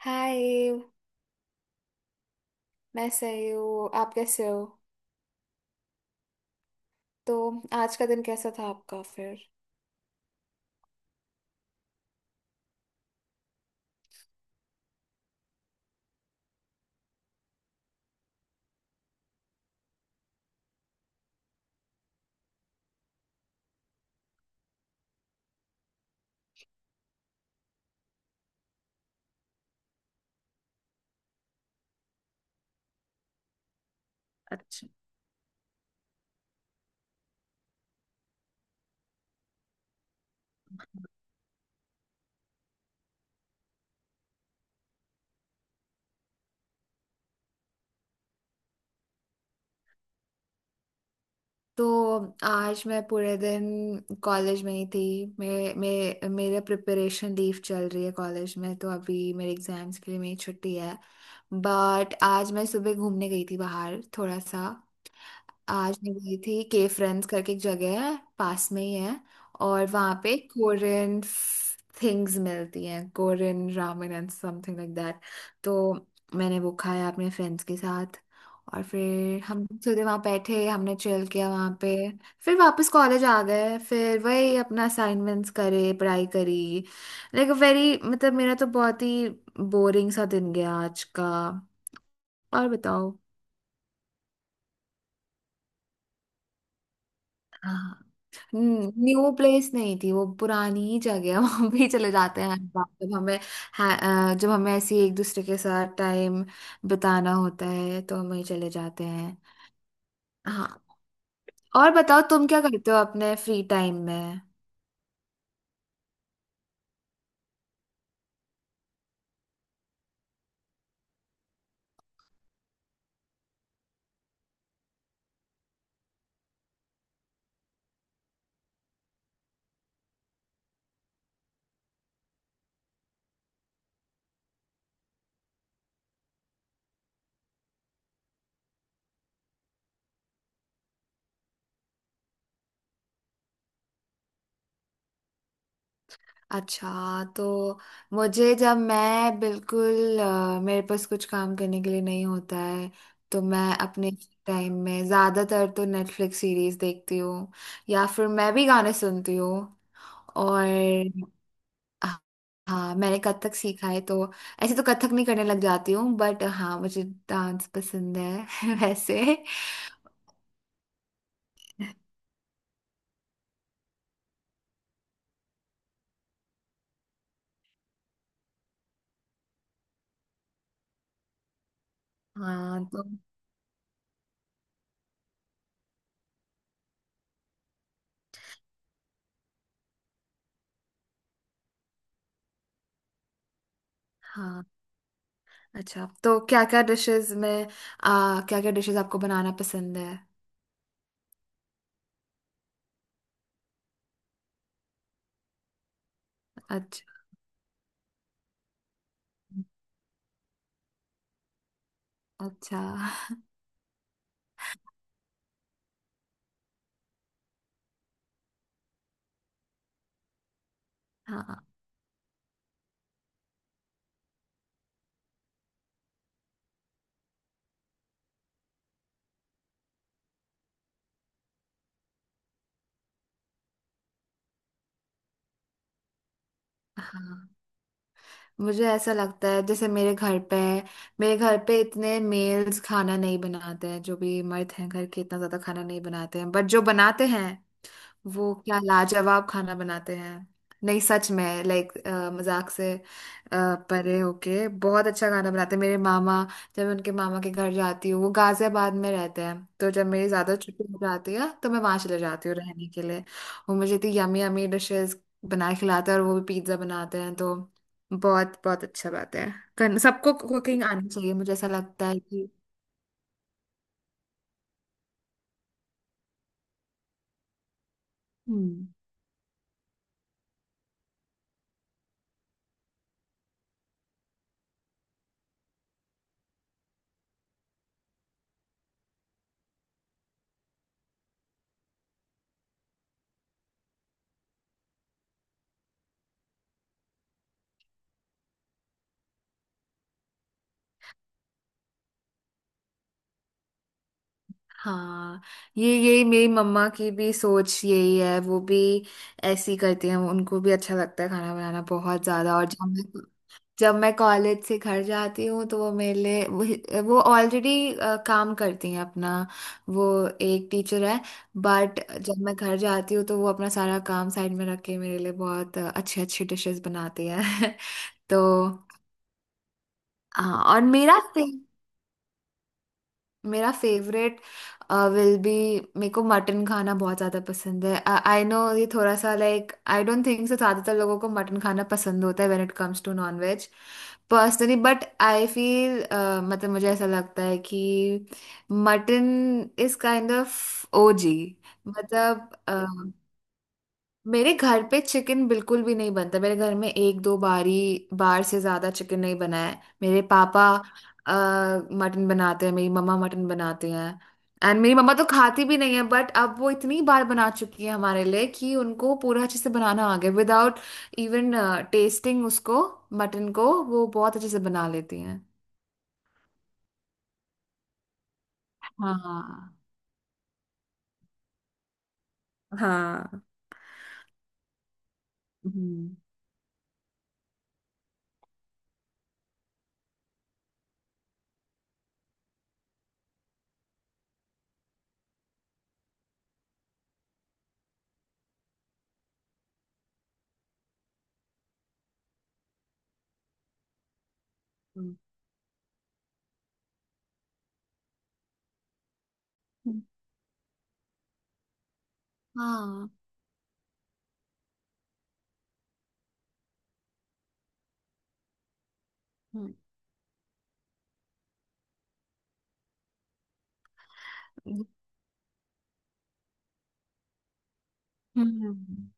हाय। मैं सही हूँ। आप कैसे हो? तो आज का दिन कैसा था आपका, फिर? तो आज मैं पूरे दिन कॉलेज में ही थी। मेरे मेरे मेरा प्रिपरेशन लीव चल रही है कॉलेज में, तो अभी मेरे एग्जाम्स के लिए मेरी छुट्टी है। बट आज मैं सुबह घूमने गई थी बाहर थोड़ा सा। आज मैं गई थी के फ्रेंड्स करके, एक जगह है पास में ही है। और वहाँ पे कोरियन थिंग्स मिलती हैं, Korean ramen and something like that. तो मैंने वो खाया अपने फ्रेंड्स के साथ। और फिर हम सीधे वहाँ बैठे, हमने चिल किया वहाँ पे। फिर वापस कॉलेज आ गए, फिर वही अपना असाइनमेंट्स करे, पढ़ाई करी। लाइक वेरी मतलब मेरा तो बहुत ही बोरिंग सा दिन गया आज का। और बताओ? हाँ। न्यू प्लेस नहीं थी, वो पुरानी ही जगह है, वहां भी चले जाते हैं हर बार जब हमें जब हमें ऐसे ही एक दूसरे के साथ टाइम बिताना होता है तो हम वहीं चले जाते हैं। हाँ। और बताओ, तुम क्या करते हो अपने फ्री टाइम में? अच्छा। तो मुझे जब मैं बिल्कुल मेरे पास कुछ काम करने के लिए नहीं होता है तो मैं अपने टाइम में ज्यादातर तो नेटफ्लिक्स सीरीज देखती हूँ, या फिर मैं भी गाने सुनती हूँ। और हाँ। हाँ, मैंने कथक सीखा है, तो ऐसे तो कथक नहीं करने लग जाती हूँ, बट हाँ मुझे डांस पसंद है वैसे। हाँ, तो हाँ। अच्छा, तो क्या क्या डिशेस में आ, क्या क्या डिशेस आपको बनाना पसंद है? अच्छा। अच्छा। हाँ। हाँ। मुझे ऐसा लगता है, जैसे मेरे घर पे इतने मेल्स खाना नहीं बनाते हैं, जो भी मर्द हैं घर के इतना ज्यादा खाना नहीं बनाते हैं, बट जो बनाते हैं वो क्या लाजवाब खाना बनाते हैं। नहीं सच में, लाइक मजाक से परे होके बहुत अच्छा खाना बनाते हैं मेरे मामा। जब मैं उनके मामा के घर जाती हूँ, वो गाजियाबाद में रहते हैं, तो जब मेरी ज्यादा छुट्टी हो जाती है तो मैं वहां चले जाती हूँ रहने के लिए। वो मुझे इतनी यमी यमी डिशेस बना के खिलाते हैं, और वो भी पिज्जा बनाते हैं, तो बहुत बहुत अच्छा बात है। सबको कुकिंग आनी चाहिए, मुझे ऐसा लगता है कि। हम्म। हाँ। ये यही मेरी मम्मा की भी सोच यही है, वो भी ऐसी करती हैं, उनको भी अच्छा लगता है खाना बनाना बहुत ज्यादा। और जब मैं कॉलेज से घर जाती हूँ तो वो मेरे लिए वो ऑलरेडी काम करती हैं अपना। वो एक टीचर है। बट जब मैं घर जाती हूँ तो वो अपना सारा काम साइड में रख के मेरे लिए बहुत अच्छे अच्छे डिशेस बनाती है। तो हाँ। और मेरा मेरा फेवरेट विल बी, मेरे को मटन खाना बहुत ज़्यादा पसंद है। आई नो ये थोड़ा सा, like I don't think so ज़्यादातर लोगों को मटन खाना पसंद होता है when it comes to non veg, personally, but I feel, मतलब मुझे ऐसा लगता है कि मटन इज काइंड ऑफ ओजी। मतलब मेरे घर पे चिकन बिल्कुल भी नहीं बनता, मेरे घर में एक दो बार से ज्यादा चिकन नहीं बना है। मेरे पापा मटन बनाते हैं, मेरी मम्मा मटन बनाते हैं। एंड मेरी मम्मा तो खाती भी नहीं है, बट अब वो इतनी बार बना चुकी है हमारे लिए कि उनको पूरा अच्छे से बनाना आ गया विदाउट इवन टेस्टिंग उसको, मटन को वो बहुत अच्छे से बना लेती हैं। हाँ। हाँ। हम्म। हम्म। हाँ। हम्म। हम्म।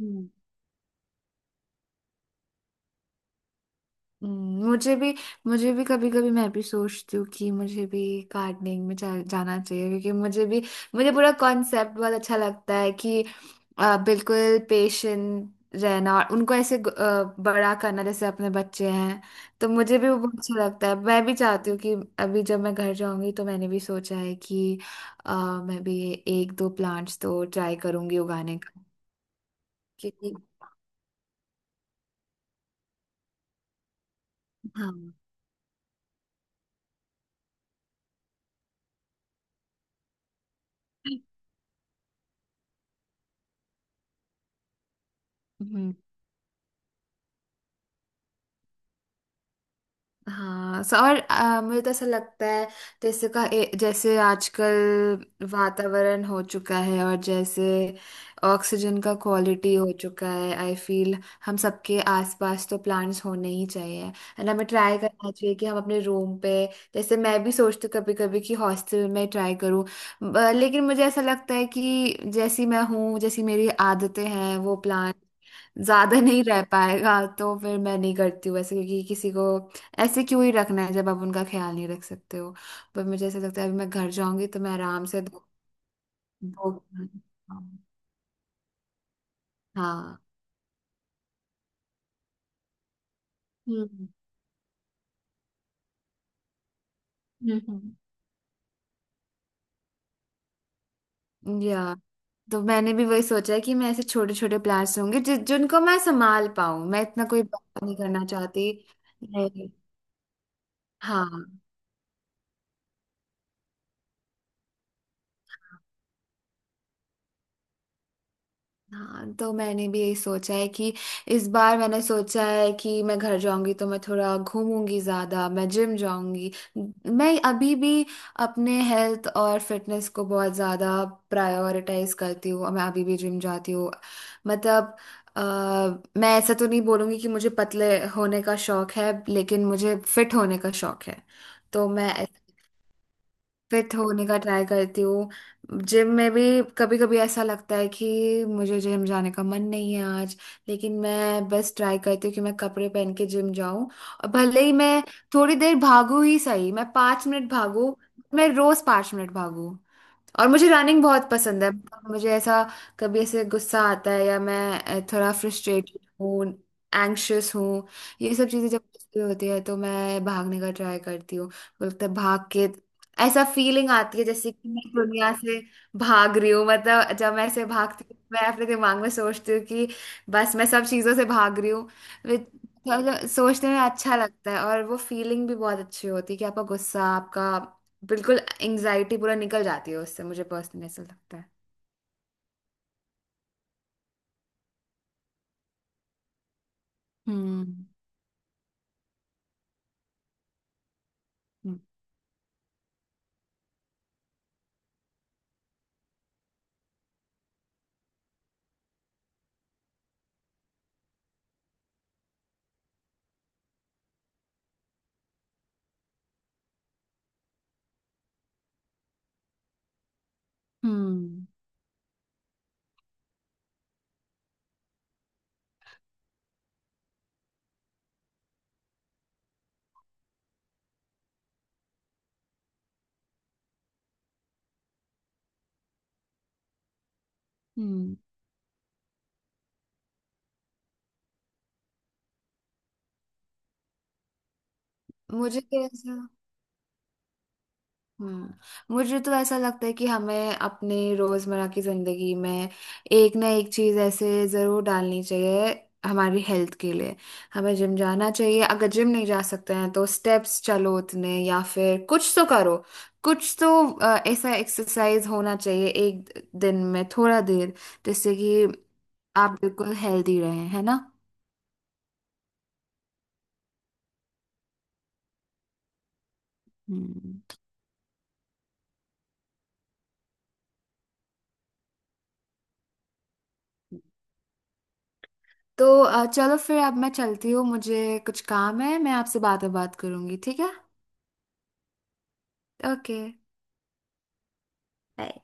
हम्म। हम्म। मुझे भी कभी कभी मैं भी सोचती हूँ कि मुझे भी गार्डनिंग में जाना चाहिए, क्योंकि मुझे पूरा कॉन्सेप्ट बहुत अच्छा लगता है कि बिल्कुल पेशेंट रहना और उनको ऐसे बड़ा करना जैसे अपने बच्चे हैं। तो मुझे भी वो बहुत अच्छा लगता है, मैं भी चाहती हूँ कि अभी जब मैं घर जाऊंगी तो मैंने भी सोचा है कि अ, मैं भी एक दो प्लांट्स तो ट्राई करूंगी उगाने का। क्योंकि हाँ। हम्म। हाँ। और मुझे तो ऐसा लगता है जैसे जैसे आजकल वातावरण हो चुका है, और जैसे ऑक्सीजन का क्वालिटी हो चुका है, आई फील हम सबके आसपास तो प्लांट्स होने ही चाहिए। एंड हमें ट्राई करना चाहिए कि हम अपने रूम पे, जैसे मैं भी सोचती हूँ कभी कभी कि हॉस्टल में ट्राई करूँ, लेकिन मुझे ऐसा लगता है कि जैसी मैं हूँ, जैसी मेरी आदतें हैं, वो प्लांट ज्यादा नहीं रह पाएगा तो फिर मैं नहीं करती हूँ ऐसे, क्योंकि किसी को ऐसे क्यों ही रखना है जब आप उनका ख्याल नहीं रख सकते हो। पर मुझे ऐसा लगता है अभी मैं घर जाऊंगी तो मैं आराम से दो, दो। हाँ। हम्म। हम्म। हम्म। या, तो मैंने भी वही सोचा है कि मैं ऐसे छोटे छोटे प्लांट्स होंगे जिनको मैं संभाल पाऊं, मैं इतना कोई बड़ा नहीं करना चाहती। नहीं। हाँ। हाँ। तो मैंने भी यही सोचा है कि इस बार मैंने सोचा है कि मैं घर जाऊंगी तो मैं थोड़ा घूमूंगी ज्यादा, मैं जिम जाऊंगी। मैं अभी भी अपने हेल्थ और फिटनेस को बहुत ज्यादा प्रायोरिटाइज करती हूँ, और मैं अभी भी जिम जाती हूँ। मतलब अ, मैं ऐसा तो नहीं बोलूंगी कि मुझे पतले होने का शौक है, लेकिन मुझे फिट होने का शौक है। तो मैं फिट होने का ट्राई करती हूँ। जिम में भी कभी कभी ऐसा लगता है कि मुझे जिम जाने का मन नहीं है आज, लेकिन मैं बस ट्राई करती हूँ कि मैं कपड़े पहन के जिम जाऊं, और भले ही मैं थोड़ी देर भागू ही सही, मैं 5 मिनट भागू। मैं रोज 5 मिनट भागू, और मुझे रनिंग बहुत पसंद है। मुझे ऐसा कभी ऐसे गुस्सा आता है, या मैं थोड़ा फ्रस्ट्रेटेड हूँ, एंग्शियस हूँ। ये सब चीजें जब मुझे होती है तो मैं भागने का ट्राई करती हूँ, बोलते भाग के ऐसा फीलिंग आती है जैसे कि मैं दुनिया से भाग रही हूँ। मतलब जब मैं ऐसे भागती हूँ मैं अपने दिमाग में सोचती हूँ कि बस मैं सब चीजों से भाग रही हूँ। वे- मतलब सोचने में अच्छा लगता है, और वो फीलिंग भी बहुत अच्छी होती है कि आपका गुस्सा, आपका बिल्कुल एंग्जाइटी पूरा निकल जाती है उससे, मुझे पर्सनली ऐसा लगता है। हम्म। हम्म। हम्म। हम्म। मुझे तो ऐसा मुझे तो ऐसा लगता है कि हमें अपने रोजमर्रा की जिंदगी में एक ना एक चीज ऐसे जरूर डालनी चाहिए हमारी हेल्थ के लिए। हमें जिम जाना चाहिए, अगर जिम नहीं जा सकते हैं तो स्टेप्स चलो उतने, या फिर कुछ तो करो, कुछ तो ऐसा एक्सरसाइज होना चाहिए एक दिन में थोड़ा देर, जिससे कि आप बिल्कुल हेल्दी रहें, है ना? हम्म। तो चलो, फिर अब मैं चलती हूँ, मुझे कुछ काम है, मैं आपसे बाद में बात करूंगी, ठीक है? ओके। Bye।